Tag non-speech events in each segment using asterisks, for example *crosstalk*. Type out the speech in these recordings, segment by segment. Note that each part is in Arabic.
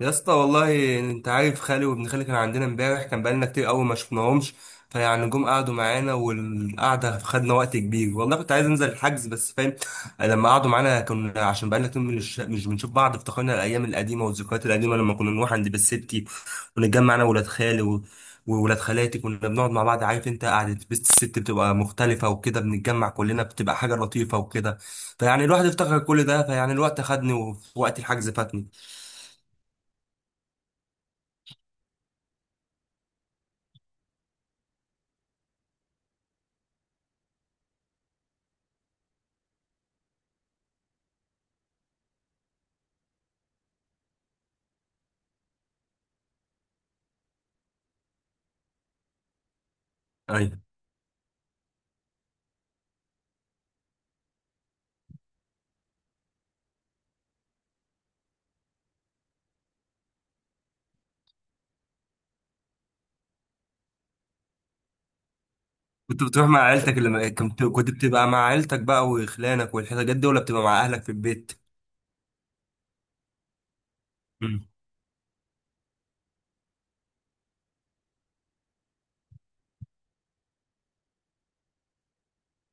يا اسطى، والله انت عارف خالي وابن خالي كان عندنا امبارح. كان بقالنا كتير قوي ما شفناهمش. فيعني جم قعدوا معانا والقعده خدنا وقت كبير، والله كنت عايز انزل الحجز بس فاهم لما قعدوا معانا كنا، عشان بقالنا كتير مش بنشوف بعض، افتكرنا الايام القديمه والذكريات القديمه لما كنا نروح عند بيت ستي ونتجمع انا وولاد خالي وولاد خالاتي. كنا بنقعد مع بعض، عارف انت قعده بيت الست بتبقى مختلفه وكده، بنتجمع كلنا بتبقى حاجه لطيفه وكده. فيعني الواحد افتكر كل ده، فيعني الوقت خدني ووقت الحجز فاتني. ايوه، كنت بتروح مع عيلتك لما كنت بتبقى مع عيلتك بقى وخلانك والحاجات دي، ولا بتبقى مع اهلك في البيت؟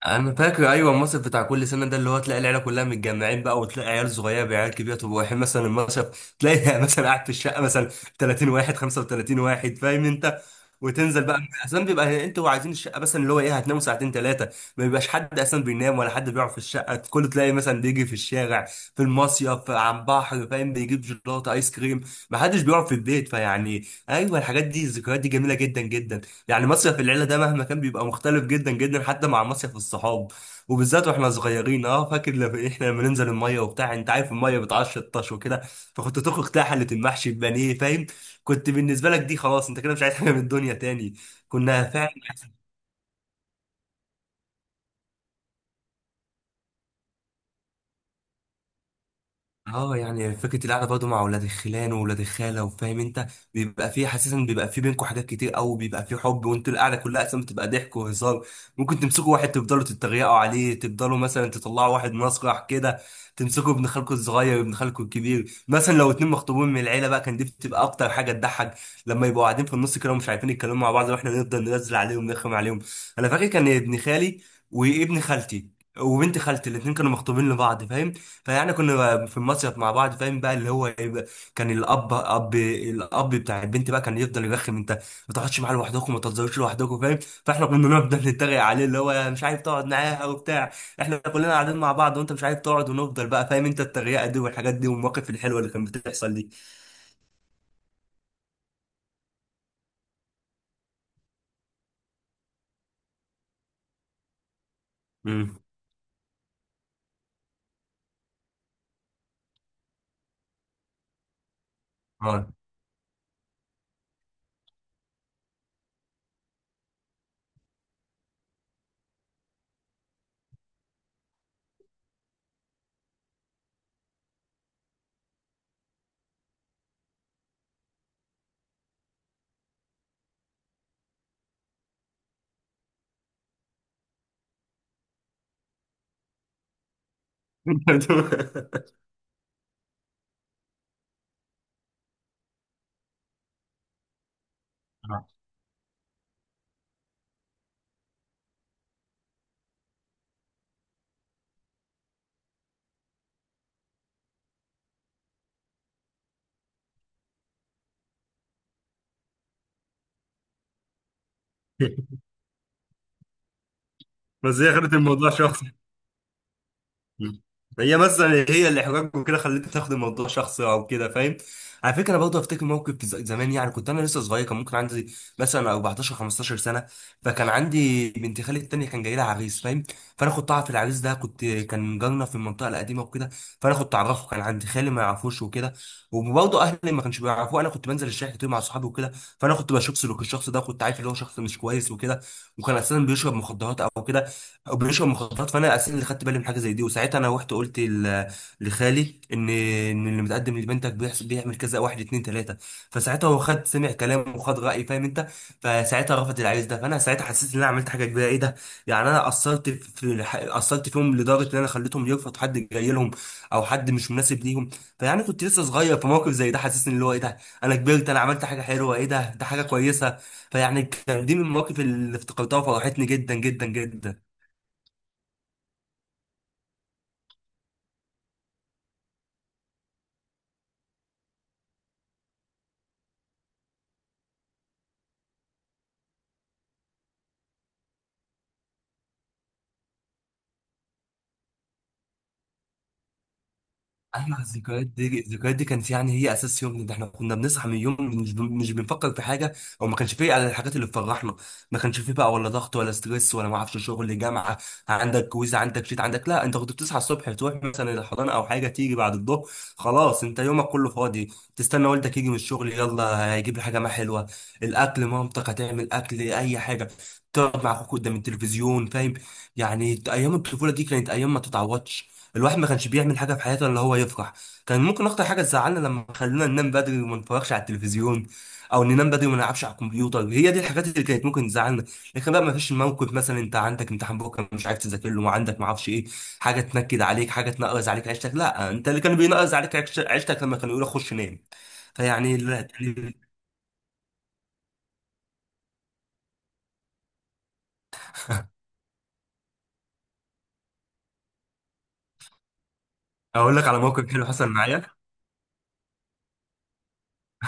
انا فاكر، ايوه المصيف بتاع كل سنه ده اللي هو تلاقي العيله كلها متجمعين بقى، وتلاقي عيال صغيره بعيال كبيره. طب واحد مثلا المصيف تلاقي *laughs* مثلا قاعد في الشقه مثلا 30 واحد 35 واحد، فاهم انت. وتنزل بقى، اصلا بيبقى انتوا عايزين الشقه مثلا اللي هو ايه، هتناموا ساعتين ثلاثه. ما بيبقاش حد اصلا بينام ولا حد بيقعد في الشقه، كله تلاقي مثلا بيجي في الشارع، في المصيف على البحر، فاهم، بيجيب جيلاتي ايس كريم. ما حدش بيقعد في البيت. فيعني ايوه، الحاجات دي الذكريات دي جميله جدا جدا. يعني مصيف العيله ده مهما كان بيبقى مختلف جدا جدا، حتى مع مصيف الصحاب. وبالذات واحنا صغيرين، اه فاكر لما احنا لما ننزل الميه وبتاع، انت عارف الميه بتعشر طش وكده. فكنت تخرج تلاقي حله المحشي البانيه، فاهم. كنت بالنسبه لك دي خلاص انت كده مش عايز حاجه من الدنيا تاني. كنا فعلا. اه، يعني فكره القعده برضه مع اولاد الخلان واولاد الخاله، وفاهم انت بيبقى فيه حاسس، بيبقى فيه بينكم حاجات كتير قوي، بيبقى فيه حب. وانتوا القعده كلها اصلا بتبقى ضحك وهزار، ممكن تمسكوا واحد تفضلوا تتريقوا عليه، تفضلوا مثلا تطلعوا واحد مسرح كده، تمسكوا ابن خالكم الصغير وابن خالكم الكبير. مثلا لو اتنين مخطوبين من العيله بقى كان دي بتبقى اكتر حاجه تضحك، لما يبقوا قاعدين في النص كده ومش عارفين يتكلموا مع بعض، واحنا نفضل ننزل عليهم نرخم عليهم. انا فاكر كان ابن خالي وابن خالتي وبنت خالتي الاتنين كانوا مخطوبين لبعض، فاهم. فيعني كنا في المصيف مع بعض، فاهم بقى اللي هو إيه بقى، كان الاب بتاع البنت بقى كان يفضل يرخم. انت ما تقعدش معاه لوحدكم، ما تهزروش لوحدكم، فاهم. فاحنا كنا نفضل نتريق عليه، اللي هو مش عارف تقعد معاها وبتاع، احنا كلنا قاعدين مع بعض وانت مش عارف تقعد. ونفضل بقى، فاهم انت التريقه دي والحاجات دي والمواقف الحلوه اللي كانت بتحصل دي. امم. اه. *laughs* بس هي خدت الموضوع شخصي. مم. هي مثلا هي اللي احراج وكده خلتني تاخد الموضوع شخصي او كده، فاهم. على فكره برضه افتكر موقف في زمان. يعني كنت انا لسه صغير، كان ممكن عندي مثلا 14 15 سنه. فكان عندي بنت خالي التانيه كان جاي لها عريس، فاهم. فانا كنت اعرف العريس ده، كنت كان جارنا في المنطقه القديمه وكده. فانا كنت اعرفه، كان عندي خالي ما يعرفوش وكده، وبرضه اهلي ما كانش بيعرفوه. انا كنت بنزل الشارع كتير مع صحابي وكده، فانا كنت بشوف سلوك الشخص ده، كنت عارف اللي هو شخص مش كويس وكده. وكان اساسا بيشرب مخدرات او كده، او بيشرب مخدرات. فانا اساسا اللي خدت بالي من حاجه زي دي، وساعتها انا رحت قلت لخالي ان اللي متقدم لبنتك بيحصل بيعمل كذا، واحد اتنين تلاته. فساعتها هو خد سمع كلامه وخد رايي، فاهم انت. فساعتها رفض العريس ده، فانا ساعتها حسيت ان انا عملت حاجه كبيره، ايه ده. يعني انا قصرت في، قصرت فيهم لدرجه ان انا خليتهم يرفض حد جاي لهم، او حد مش مناسب ليهم. فيعني كنت لسه صغير، في موقف زي ده حسسني اللي هو ايه ده، انا كبرت، انا عملت حاجه حلوه، ايه ده، ده حاجه كويسه. فيعني كان دي من المواقف اللي افتكرتها وفرحتني جدا جدا جدا. ايوه الذكريات دي، الذكريات دي كانت يعني هي اساس يومنا ده. احنا كنا بنصحى من اليوم مش بنفكر في حاجه، او ما كانش فيه، على الحاجات اللي بتفرحنا. ما كانش فيه بقى ولا ضغط ولا ستريس ولا ما اعرفش شغل جامعه، عندك كويز عندك شيت عندك، لا. انت كنت بتصحى الصبح تروح مثلا الحضانه او حاجه، تيجي بعد الظهر خلاص انت يومك كله فاضي. تستنى والدك يجي من الشغل، يلا هيجيب لي حاجه ما حلوه، الاكل مامتك هتعمل اكل اي حاجه، تقعد مع اخوك قدام التلفزيون، فاهم. يعني ايام الطفوله دي كانت ايام ما تتعوضش. الواحد ما كانش بيعمل حاجه في حياته الا هو يفرح. كان ممكن اكتر حاجه تزعلنا لما خلونا ننام بدري وما نتفرجش على التلفزيون، او ننام بدري وما نلعبش على الكمبيوتر. هي دي الحاجات اللي كانت ممكن تزعلنا. لكن بقى ما فيش موقف مثلا انت عندك امتحان بكره مش عارف تذاكر له، وعندك ما اعرفش ايه، حاجه تنكد عليك، حاجه تنقرز عليك عيشتك. لا، انت اللي كان بينقرز عليك عيشتك لما كانوا يقولوا خش نام. فيعني لا يعني. اقول لك على موقف حلو حصل معايا،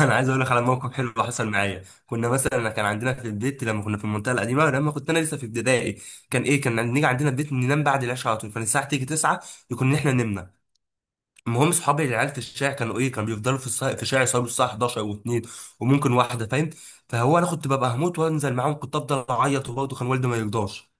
انا عايز اقول لك على موقف حلو حصل معايا. كنا مثلا كان عندنا في البيت لما كنا في المنطقه القديمه، لما كنت انا لسه في ابتدائي، كان ايه، كان نيجي عندنا البيت ننام بعد العشاء على طول. فالساعه تيجي 9 يكون احنا نمنا. المهم صحابي العيال في الشارع كانوا ايه، كانوا بيفضلوا في في الشارع يصلوا الساعه 11 و2، وممكن واحده، فاهم. فهو انا كنت ببقى هموت وانزل معاهم، كنت افضل اعيط، وبرضه كان والدي ما يرضاش.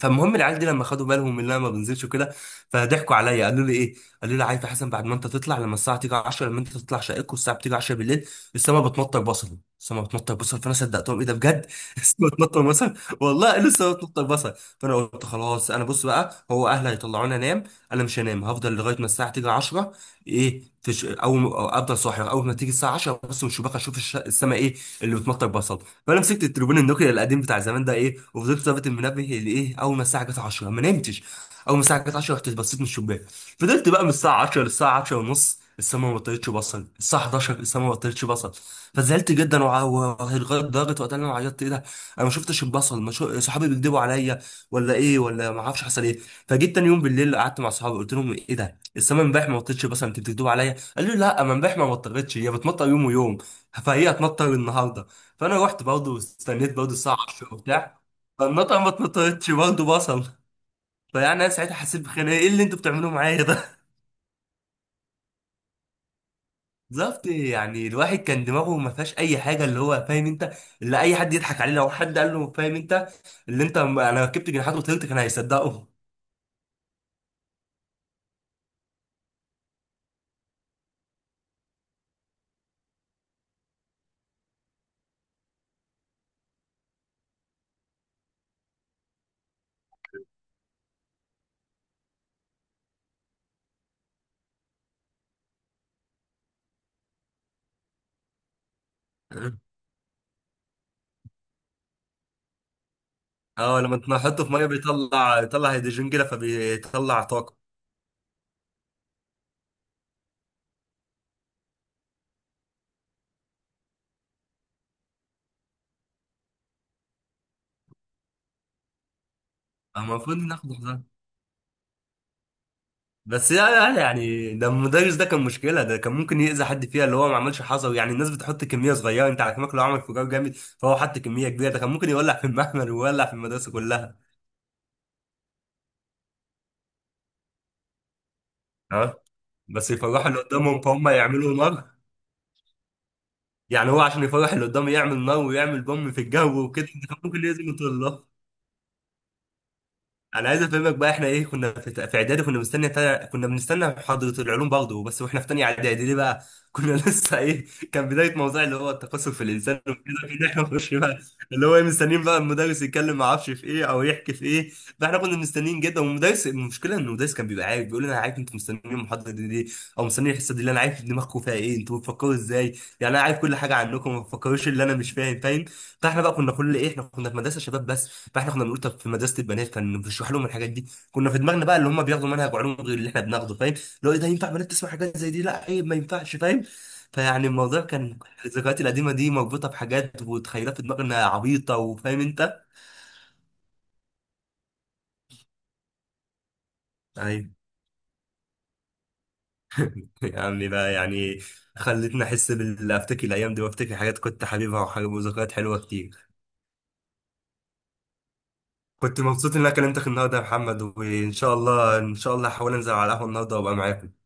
فالمهم العيال دي لما خدوا بالهم ان انا ما بنزلش وكده، فضحكوا عليا قالوا لي ايه، قالوا لي عارف يا حسن، بعد ما انت تطلع، لما الساعه تيجي 10، لما انت تطلع شقتك والساعه بتيجي 10 بالليل، السما بتمطر بصل، السما بتمطر بصل. فانا صدقتهم، ايه ده بجد؟ *laughs* السما بتمطر بصل. والله قالوا السما بتمطر بصل. فانا قلت خلاص، انا بص بقى، هو اهلي هيطلعوني انام، انا مش هنام، هفضل لغايه ما الساعه تيجي 10. ايه، في اول ما- افضل صاحي اول ما تيجي الساعه 10 بص من الشباك اشوف السما ايه اللي بتمطر بصل. فانا مسكت التليفون النوكيا القديم بتاع زمان ده ايه، وفضلت ظابط المنبه لايه، اول ما الساعه جت 10 ما نمتش. اول ما الساعه جت 10 رحت بصيت من الشباك. فضلت بقى من الساعه 10 للساعه 10 ونص، السما ما طلعتش بصل، الساعه 11 السما ما طلعتش بصل. فزعلت جدا لغايه درجه وقتها اللي انا عيطت، ايه ده، انا ما شفتش البصل، ما شو... صحابي بيكدبوا عليا، ولا ايه ولا ما اعرفش حصل ايه. فجيت تاني يوم بالليل قعدت مع صحابي قلت لهم ايه ده، السما امبارح ما طلعتش بصل، انت بتكدبوا عليا. قالوا لي لا، ما امبارح ما مطرتش، هي بتمطر يوم ويوم، فهي هتمطر النهارده. فانا رحت برضه واستنيت برضه الساعه 10 وبتاع. فالمطعم ما اتمطرتش برضه بصل. فيعني انا ساعتها حسيت بخناقه، ايه اللي انتوا بتعملوه معايا ده. *laughs* بالظبط، يعني الواحد كان دماغه ما فيهاش اي حاجه، اللي هو فاهم انت، اللي اي حد يضحك عليه لو حد قال له فاهم انت، اللي انت انا ركبت جناحات وطيرت كان هيصدقه. *clears throat* اه لما تنحطه في ميه بيطلع، يطلع هيدروجين كده فبيطلع طاقه. المفروض ناخد، بس لا لا لا، يعني ده المدرس ده كان مشكله، ده كان ممكن يأذي حد فيها، اللي هو ما عملش حصوي، يعني الناس بتحط كميه صغيره انت على كمك لو عمل انفجار جامد، فهو حط كميه كبيره، ده كان ممكن يولع في المعمل ويولع في المدرسه كلها. اه بس يفرحوا اللي قدامهم فهم يعملوا نار. يعني هو عشان يفرح اللي قدامه يعمل نار ويعمل بوم في الجو وكده، ده كان ممكن يأذي الطلاب. انا عايز افهمك بقى، احنا ايه كنا في اعدادي كنا كنا بنستنى محاضره العلوم برضه، بس واحنا في تانية اعدادي ليه بقى، كنا *laughs* لسه ايه، كان بدايه موضوع اللي هو التقصف في الانسان وكده كده احنا مش بقى اللي هو إيه مستنيين بقى المدرس يتكلم ما اعرفش في ايه او يحكي في ايه. فاحنا كنا مستنيين جدا، والمدرس المشكله ان المدرس كان بيبقى عارف، بيقول لنا انا عارف انتوا مستنيين المحاضره دي ليه، او مستنيين الحصه دي، اللي انا عارف دماغكم فيها ايه، انتوا بتفكروا ازاي، يعني انا عارف كل حاجه عنكم، ما تفكروش اللي انا مش فاهم، فاهم. فاحنا بقى كنا كل ايه، احنا كنا في مدرسه شباب بس، فاحنا كنا بنقول طب في مدرسه البنات كان بيشرح لهم الحاجات دي. كنا في دماغنا بقى اللي هم بياخدوا منهج علوم غير اللي احنا بناخده، فاهم. لو ايه ده ينفع بنات تسمع حاجات زي دي، لا ايه ما ينفعش، فاهم. فيعني الموضوع كان، الذكريات القديمه دي مربوطه بحاجات وتخيلات في دماغنا عبيطه، وفاهم انت. ايوه، يعني بقى يعني خلتني احس بال، افتكر الايام دي وافتكر حاجات كنت حبيبها وحاجات وذكريات حلوه كتير. كنت مبسوط ان انا كلمتك النهارده يا محمد، وان شاء الله ان شاء الله هحاول انزل على القهوه النهارده وابقى معاك.